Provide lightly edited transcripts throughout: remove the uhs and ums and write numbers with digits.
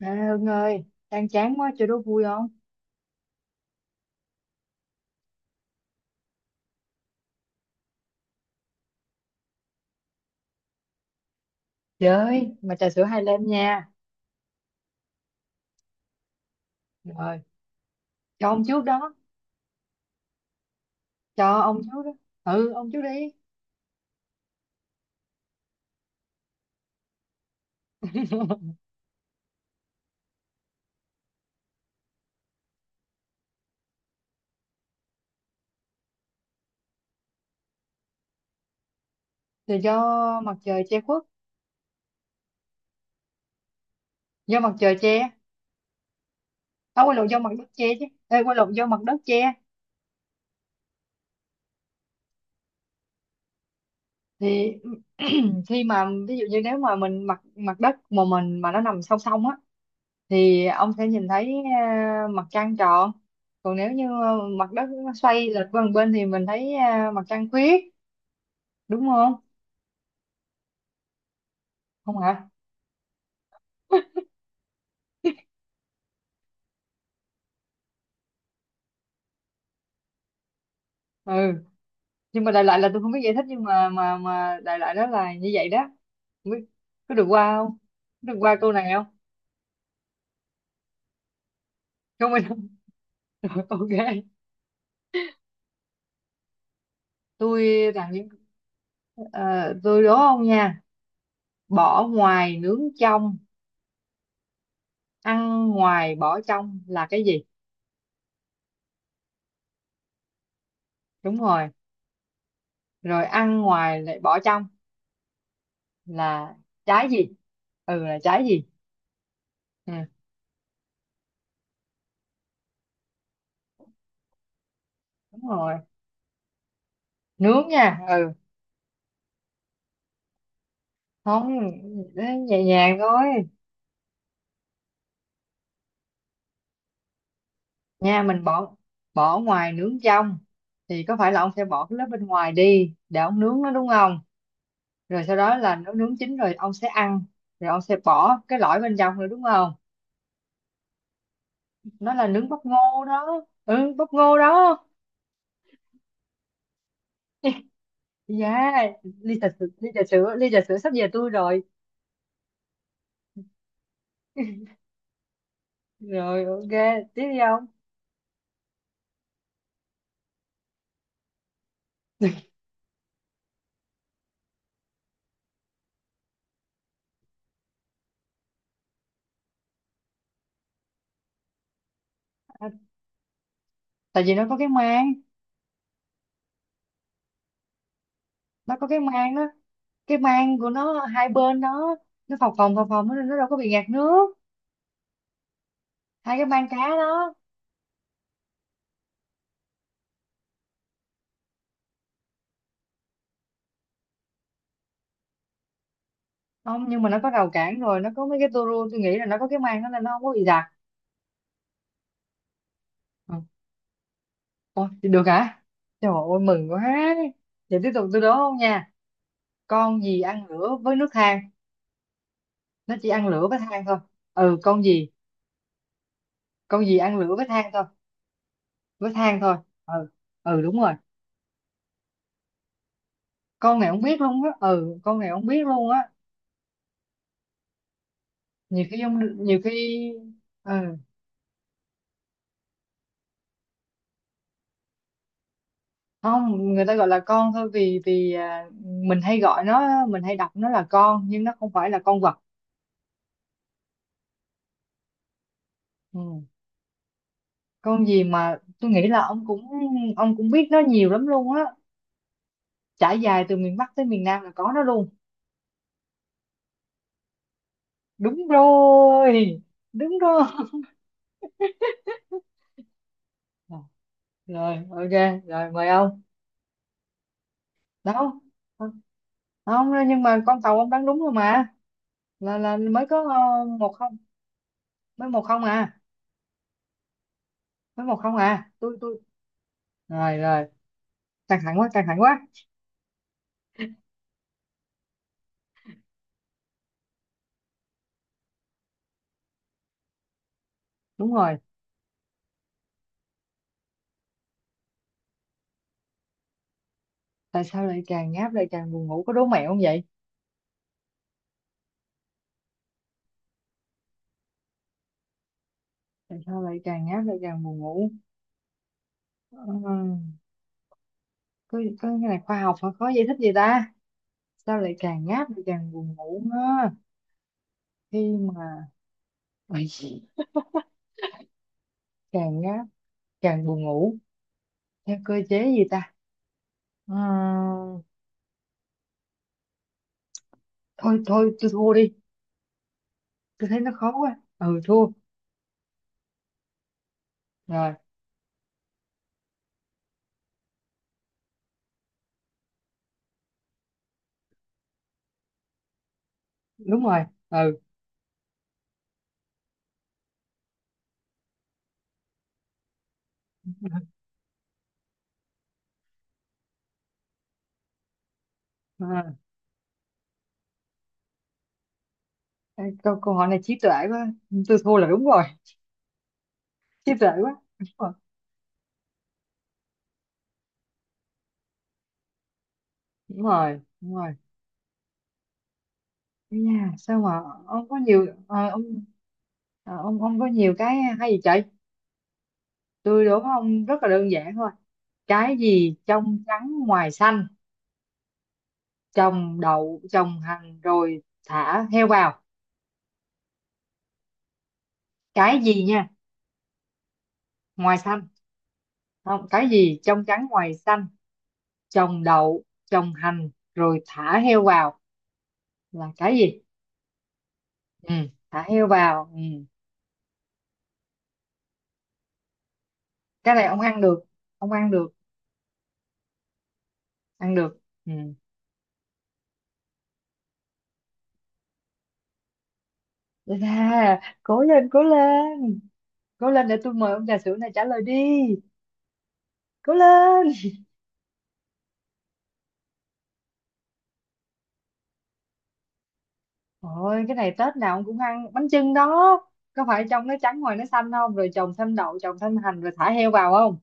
À, Hưng ơi, đang chán quá chơi đố vui không? Chơi, mà trà sữa hai lem nha. Rồi, cho ông trước đó, cho ông trước đó. Ừ, ông trước đi. Rồi do mặt trời che khuất, do mặt trời che. À, quên lộn do mặt đất che chứ. Ê, quên lộn do mặt đất che. Thì khi mà ví dụ như nếu mà mình mặt mặt đất mà mình mà nó nằm song song á thì ông sẽ nhìn thấy mặt trăng tròn. Còn nếu như mặt đất nó xoay lệch qua một bên thì mình thấy mặt trăng khuyết, đúng không? Không hả? Ừ, nhưng mà đại loại là tôi không biết giải thích, nhưng mà đại loại đó là như vậy đó. Không biết có được qua không, có được qua câu này không? Không, mình không. Rồi, ok. Tôi làm những, ờ, tôi đố ông nha. Bỏ ngoài nướng trong, ăn ngoài bỏ trong là cái gì? Đúng rồi, rồi ăn ngoài lại bỏ trong là trái gì? Ừ, là trái gì? Ừ, đúng rồi, nướng nha, ừ. Không, nhẹ nhàng thôi. Nha, mình bỏ, bỏ ngoài nướng trong thì có phải là ông sẽ bỏ cái lớp bên ngoài đi để ông nướng nó đúng không? Rồi sau đó là nó nướng chín rồi ông sẽ ăn, rồi ông sẽ bỏ cái lõi bên trong nữa đúng không? Nó là nướng bắp ngô đó, ừ, bắp ngô đó. Dạ, ly trà sữa, ly trà sữa, ly trà sữa sắp về tôi rồi. Rồi ok, tiếp đi ông. À, tại vì nó có cái mang. Nó có cái mang đó, cái mang của nó hai bên đó, nó phồng phồng phồng phồng nó đâu có bị ngạt nước. Hai cái mang cá đó. Không, nhưng mà nó có rào cản rồi, nó có mấy cái tua rua, tôi nghĩ là nó có cái màng đó nên nó không có bị dạt. Ừ. Ôi, thì được hả, trời ơi mừng quá. Vậy tiếp tục, tôi đố không nha. Con gì ăn lửa với nước than, nó chỉ ăn lửa với than thôi. Ừ, con gì? Con gì ăn lửa với than thôi, với than thôi. Ừ, ừ, đúng rồi. Con này không biết luôn á, ừ, con này không biết luôn á. Nhiều khi không, nhiều khi, ừ. Không, người ta gọi là con thôi, vì vì à, mình hay gọi nó, mình hay đọc nó là con, nhưng nó không phải là con vật. Ừ. Con gì mà tôi nghĩ là ông cũng, ông cũng biết nó nhiều lắm luôn á, trải dài từ miền Bắc tới miền Nam là có nó luôn. Đúng rồi, đúng rồi. Rồi ok, rồi mời ông. Đâu, không, nhưng mà con tàu ông đoán đúng rồi mà, là mới có 1-0. Mới 1-0 à? Mới một không à, tôi. Rồi rồi, căng thẳng quá, căng thẳng quá. Đúng rồi, tại sao lại càng ngáp lại càng buồn ngủ, có đố mẹo không vậy? Tại sao lại càng ngáp lại càng buồn ngủ? Ờ, có cái này khoa học mà có giải thích gì ta, sao lại càng ngáp lại càng buồn ngủ á? Khi mà ôi, càng ngáp càng buồn ngủ theo cơ chế gì ta? Ờ, thôi thôi tôi thua đi, tôi thấy nó khó quá, ừ, thua. Rồi. Đúng rồi. Ừ. Ờ, câu câu hỏi này trí tuệ quá, tôi thua là đúng rồi. Trí tuệ quá, đúng rồi, đúng rồi, đúng rồi. Ây da, sao mà ông có nhiều ờ, ông có nhiều cái hay gì trời. Tôi đố ông rất là đơn giản thôi. Cái gì trong trắng ngoài xanh, trồng đậu, trồng hành rồi thả heo vào. Cái gì nha, ngoài xanh. Không, cái gì trong trắng ngoài xanh, trồng đậu, trồng hành rồi thả heo vào là cái gì? Ừ, thả heo vào. Ừ. Cái này ông ăn được, ăn được. Ừ. Đây cố lên, cố lên. Cố lên để tôi mời ông trà sữa này, trả lời đi. Cố lên. Ôi cái này Tết nào ông cũng ăn bánh chưng đó. Có phải trong nó trắng ngoài nó xanh không? Rồi trồng thêm đậu, trồng thêm hành rồi thả heo vào không?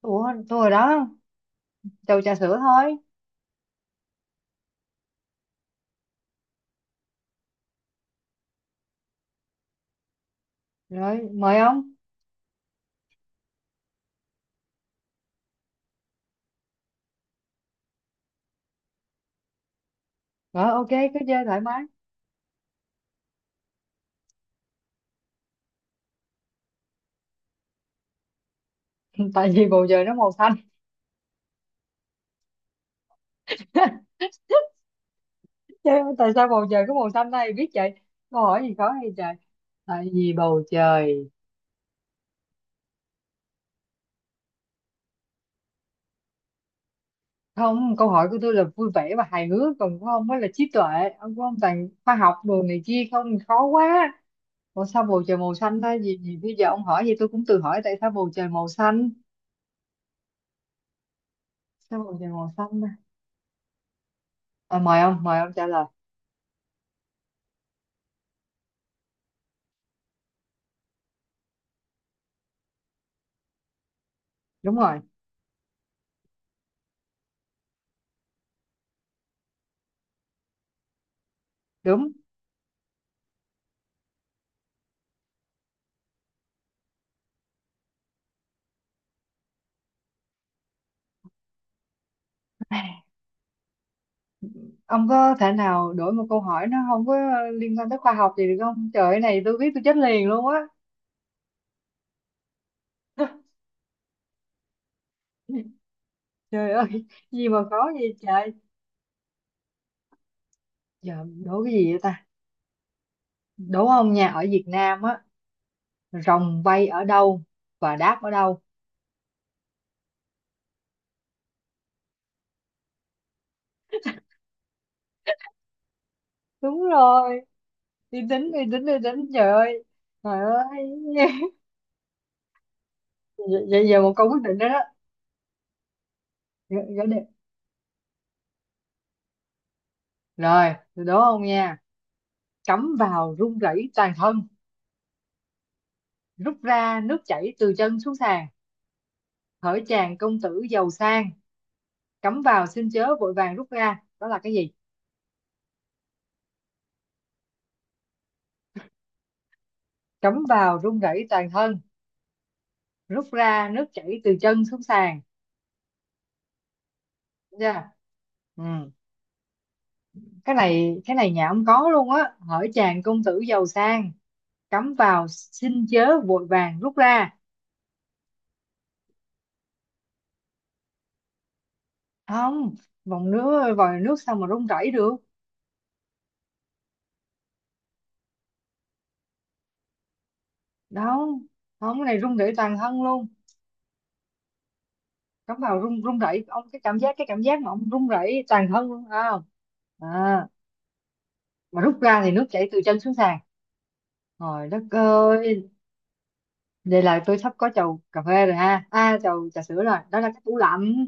Ủa, tôi rồi đó, trầu trà sữa thôi. Rồi, mời ông. Rồi ok, cứ chơi thoải mái. Tại vì bầu trời nó màu xanh. Chứ tại sao bầu trời có màu xanh đây? Biết vậy. Câu hỏi gì khó hay trời? Tại vì bầu trời... Không, câu hỏi của tôi là vui vẻ và hài hước, còn của ông mới là trí tuệ. Ông, của ông toàn khoa học đồ này kia không, khó quá. Ủa sao bầu trời màu xanh ta, gì bây giờ ông hỏi gì tôi cũng tự hỏi tại sao bầu trời màu xanh. Sao bầu trời màu xanh ta? À, mời ông, mời ông trả lời. Đúng rồi. Đúng. Ông có thể nào đổi một câu hỏi nó không có liên quan tới khoa học gì được không trời ơi, này tôi biết tôi chết liền luôn á. Trời ơi, gì mà khó vậy trời. Giờ đố cái gì vậy ta? Đố ông nha, ở Việt Nam á, rồng bay ở đâu và đáp ở đâu? Đúng rồi. Đi tính, đi tính, đi tính trời ơi. Trời ơi. Vậy giờ một câu quyết định đó đó. Nhớ- nhớ đi. Rồi từ đó ông nha, cắm vào run rẩy toàn thân, rút ra nước chảy từ chân xuống sàn, hỡi chàng công tử giàu sang, cắm vào xin chớ vội vàng rút ra, đó là cái gì? Cắm vào run rẩy toàn thân, rút ra nước chảy từ chân xuống sàn. Đúng chưa? Ừ. Cái này, cái này nhà ông có luôn á. Hỡi chàng công tử giàu sang, cắm vào xin chớ vội vàng rút ra. Không, vòng nước vòi nước sao mà run rẩy được? Đâu, không, cái này rung rẩy toàn thân luôn. Cắm vào rung rung rẩy ông, cái cảm giác, cái cảm giác mà ông rung rẩy toàn thân luôn phải không? À, mà rút ra thì nước chảy từ chân xuống sàn. Trời đất ơi, đây là tôi sắp có chầu cà phê rồi ha, à chầu trà sữa rồi, đó là cái tủ lạnh.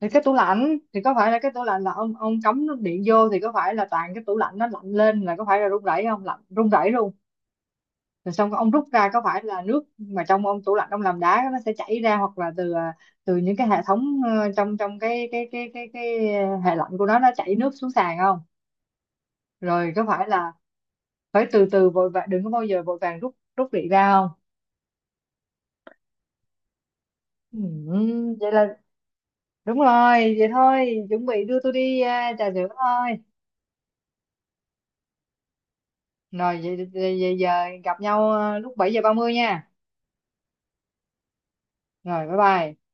Thì cái tủ lạnh, thì có phải là cái tủ lạnh là ông cắm nước điện vô thì có phải là toàn cái tủ lạnh nó lạnh lên, là có phải là rung rẩy không, lạnh rung rẩy luôn. Rồi xong ông rút ra có phải là nước mà trong ông tủ lạnh ông làm đá nó sẽ chảy ra, hoặc là từ từ những cái hệ thống trong trong cái hệ lạnh của nó chảy nước xuống sàn không? Rồi có phải là phải từ từ vội vàng, đừng có bao giờ vội vàng rút rút điện ra không? Vậy là đúng rồi, vậy thôi chuẩn bị đưa tôi đi trà sữa thôi. Rồi vậy giờ gặp nhau lúc 7:30 nha. Rồi bye bye.